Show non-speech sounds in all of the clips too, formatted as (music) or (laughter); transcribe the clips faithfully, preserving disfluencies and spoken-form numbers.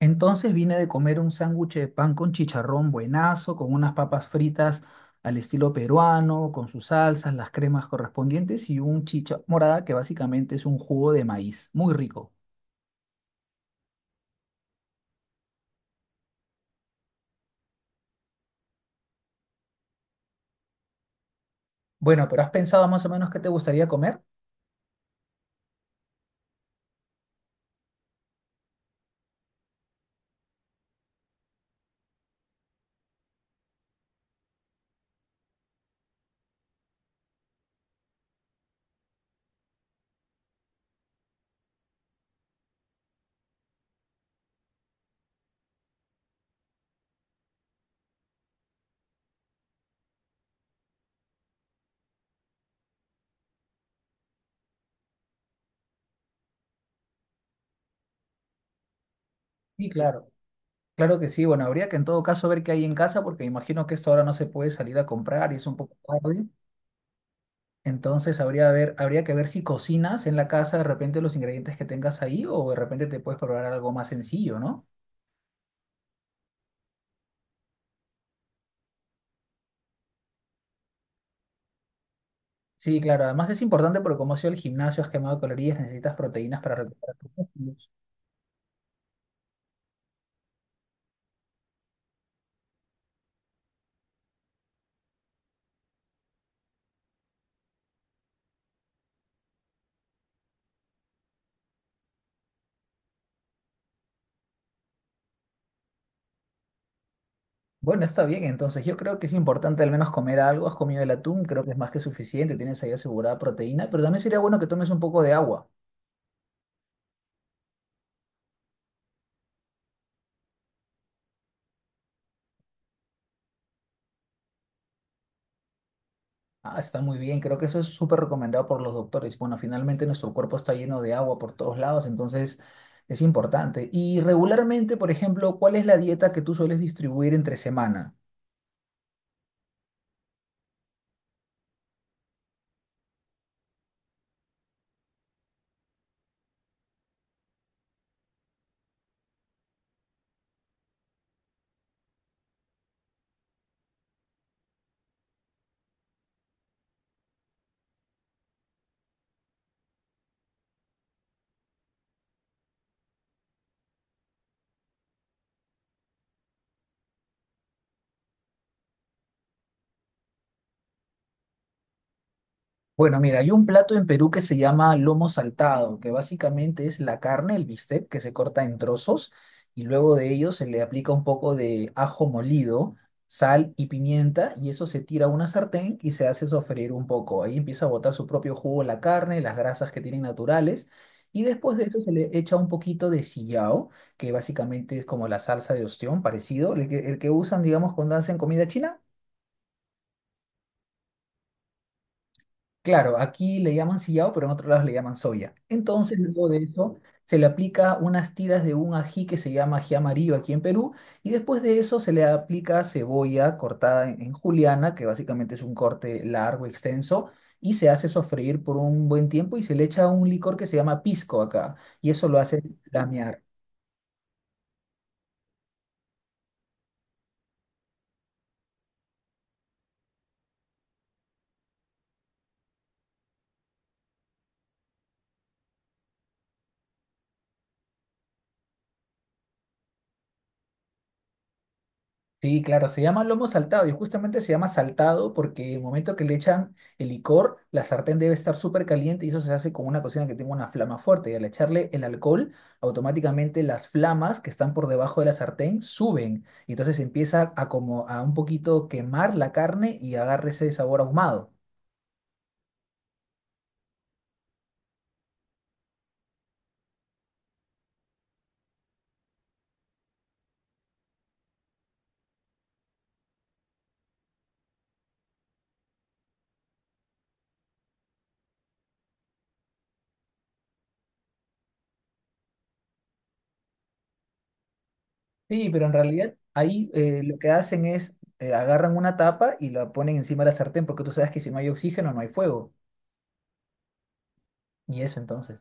Entonces vine de comer un sándwich de pan con chicharrón buenazo, con unas papas fritas al estilo peruano, con sus salsas, las cremas correspondientes y un chicha morada que básicamente es un jugo de maíz, muy rico. Bueno, pero ¿has pensado más o menos qué te gustaría comer? Sí, claro. Claro que sí, bueno, habría que en todo caso ver qué hay en casa porque imagino que a esta hora no se puede salir a comprar y es un poco tarde. Entonces habría, ver, habría que ver si cocinas en la casa de repente los ingredientes que tengas ahí o de repente te puedes probar algo más sencillo, ¿no? Sí, claro. Además es importante porque como ha sido el gimnasio, has quemado calorías, necesitas proteínas para recuperar tus músculos. Bueno, está bien. Entonces yo creo que es importante al menos comer algo. Has comido el atún, creo que es más que suficiente. Tienes ahí asegurada proteína, pero también sería bueno que tomes un poco de agua. Ah, está muy bien. Creo que eso es súper recomendado por los doctores. Bueno, finalmente nuestro cuerpo está lleno de agua por todos lados, entonces es importante. Y regularmente, por ejemplo, ¿cuál es la dieta que tú sueles distribuir entre semana? Bueno, mira, hay un plato en Perú que se llama lomo saltado, que básicamente es la carne, el bistec, que se corta en trozos y luego de ello se le aplica un poco de ajo molido, sal y pimienta y eso se tira a una sartén y se hace sofreír un poco. Ahí empieza a botar su propio jugo la carne, las grasas que tienen naturales y después de eso se le echa un poquito de sillao, que básicamente es como la salsa de ostión, parecido, el que, el que usan, digamos, cuando hacen comida china. Claro, aquí le llaman sillao, pero en otros lados le llaman soya. Entonces, luego de eso, se le aplica unas tiras de un ají que se llama ají amarillo aquí en Perú, y después de eso se le aplica cebolla cortada en, en juliana, que básicamente es un corte largo, extenso, y se hace sofreír por un buen tiempo y se le echa un licor que se llama pisco acá, y eso lo hace flamear. Sí, claro, se llama lomo saltado y justamente se llama saltado porque el momento que le echan el licor, la sartén debe estar súper caliente y eso se hace con una cocina que tenga una flama fuerte y al echarle el alcohol, automáticamente las flamas que están por debajo de la sartén suben y entonces empieza a como a un poquito quemar la carne y agarra ese sabor ahumado. Sí, pero en realidad ahí eh, lo que hacen es eh, agarran una tapa y la ponen encima de la sartén porque tú sabes que si no hay oxígeno no hay fuego y eso entonces.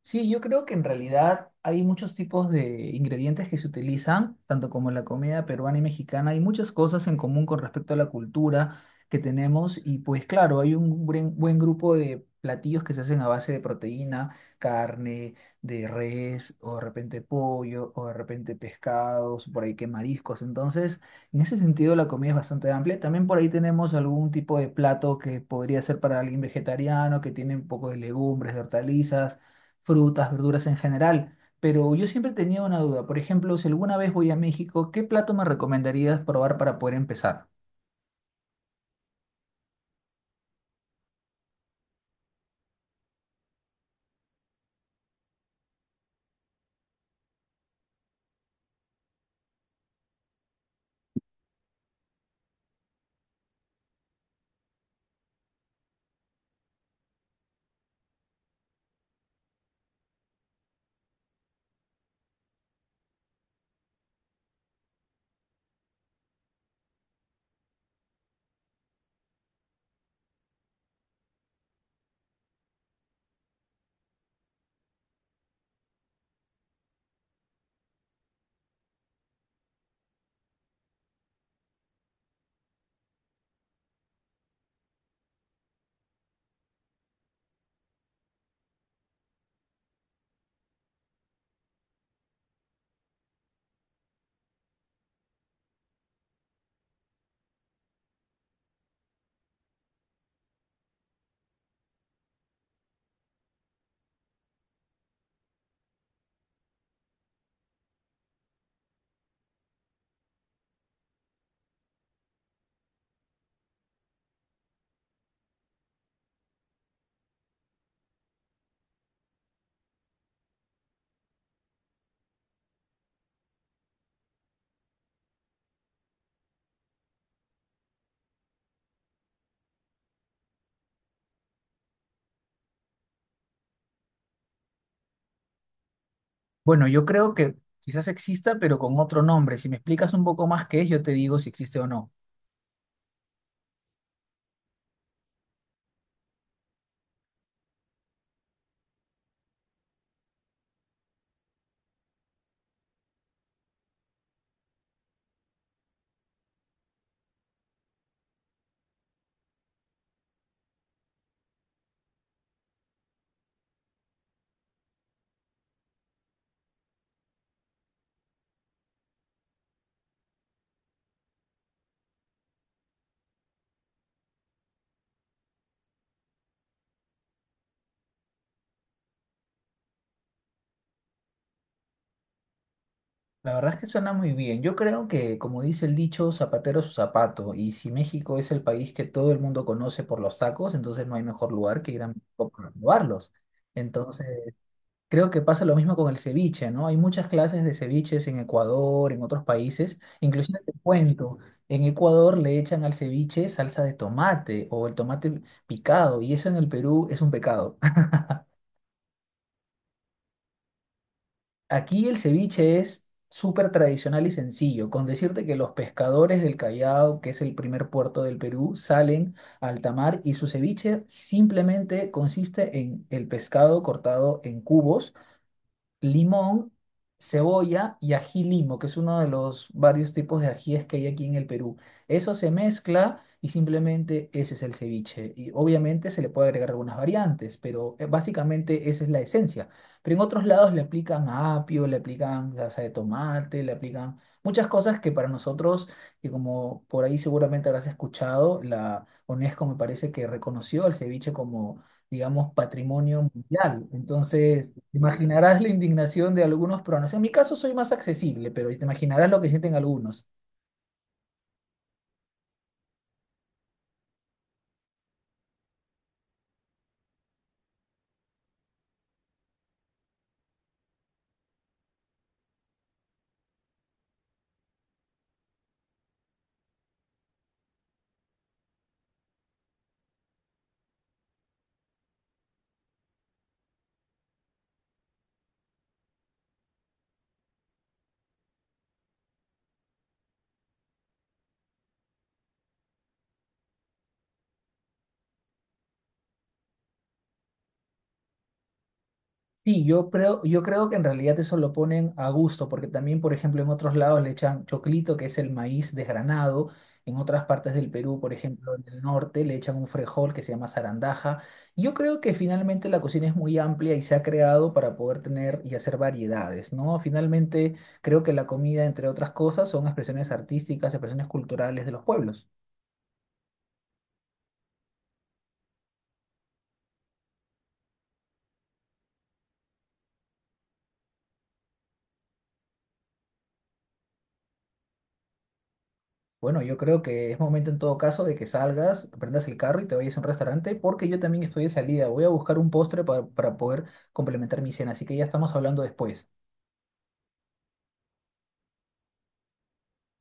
Sí, yo creo que en realidad hay muchos tipos de ingredientes que se utilizan, tanto como en la comida peruana y mexicana. Hay muchas cosas en común con respecto a la cultura que tenemos y pues claro, hay un buen, buen grupo de platillos que se hacen a base de proteína, carne, de res o de repente pollo o de repente pescados, por ahí que mariscos. Entonces, en ese sentido la comida es bastante amplia. También por ahí tenemos algún tipo de plato que podría ser para alguien vegetariano, que tiene un poco de legumbres, de hortalizas frutas, verduras en general. Pero yo siempre tenía una duda. Por ejemplo, si alguna vez voy a México, ¿qué plato me recomendarías probar para poder empezar? Bueno, yo creo que quizás exista, pero con otro nombre. Si me explicas un poco más qué es, yo te digo si existe o no. La verdad es que suena muy bien. Yo creo que, como dice el dicho, zapatero a su zapato. Y si México es el país que todo el mundo conoce por los tacos, entonces no hay mejor lugar que ir a México para probarlos. Entonces, creo que pasa lo mismo con el ceviche, ¿no? Hay muchas clases de ceviches en Ecuador, en otros países. Inclusive te cuento, en Ecuador le echan al ceviche salsa de tomate o el tomate picado y eso en el Perú es un pecado. (laughs) Aquí el ceviche es súper tradicional y sencillo, con decirte que los pescadores del Callao, que es el primer puerto del Perú, salen al alta mar y su ceviche simplemente consiste en el pescado cortado en cubos limón, cebolla y ají limo, que es uno de los varios tipos de ajíes que hay aquí en el Perú. Eso se mezcla y simplemente ese es el ceviche. Y obviamente se le puede agregar algunas variantes, pero eh, básicamente esa es la esencia. Pero en otros lados le aplican apio, le aplican salsa de tomate, le aplican muchas cosas que para nosotros, que como por ahí seguramente habrás escuchado, la UNESCO me parece que reconoció el ceviche como, digamos, patrimonio mundial. Entonces, imaginarás la indignación de algunos pronos. En mi caso soy más accesible, pero te imaginarás lo que sienten algunos. Sí, yo creo, yo creo que en realidad eso lo ponen a gusto, porque también, por ejemplo, en otros lados le echan choclito, que es el maíz desgranado. En otras partes del Perú, por ejemplo, en el norte, le echan un frejol que se llama zarandaja. Yo creo que finalmente la cocina es muy amplia y se ha creado para poder tener y hacer variedades, ¿no? Finalmente, creo que la comida, entre otras cosas, son expresiones artísticas, expresiones culturales de los pueblos. Bueno, yo creo que es momento en todo caso de que salgas, prendas el carro y te vayas a un restaurante, porque yo también estoy de salida. Voy a buscar un postre pa- para poder complementar mi cena, así que ya estamos hablando después.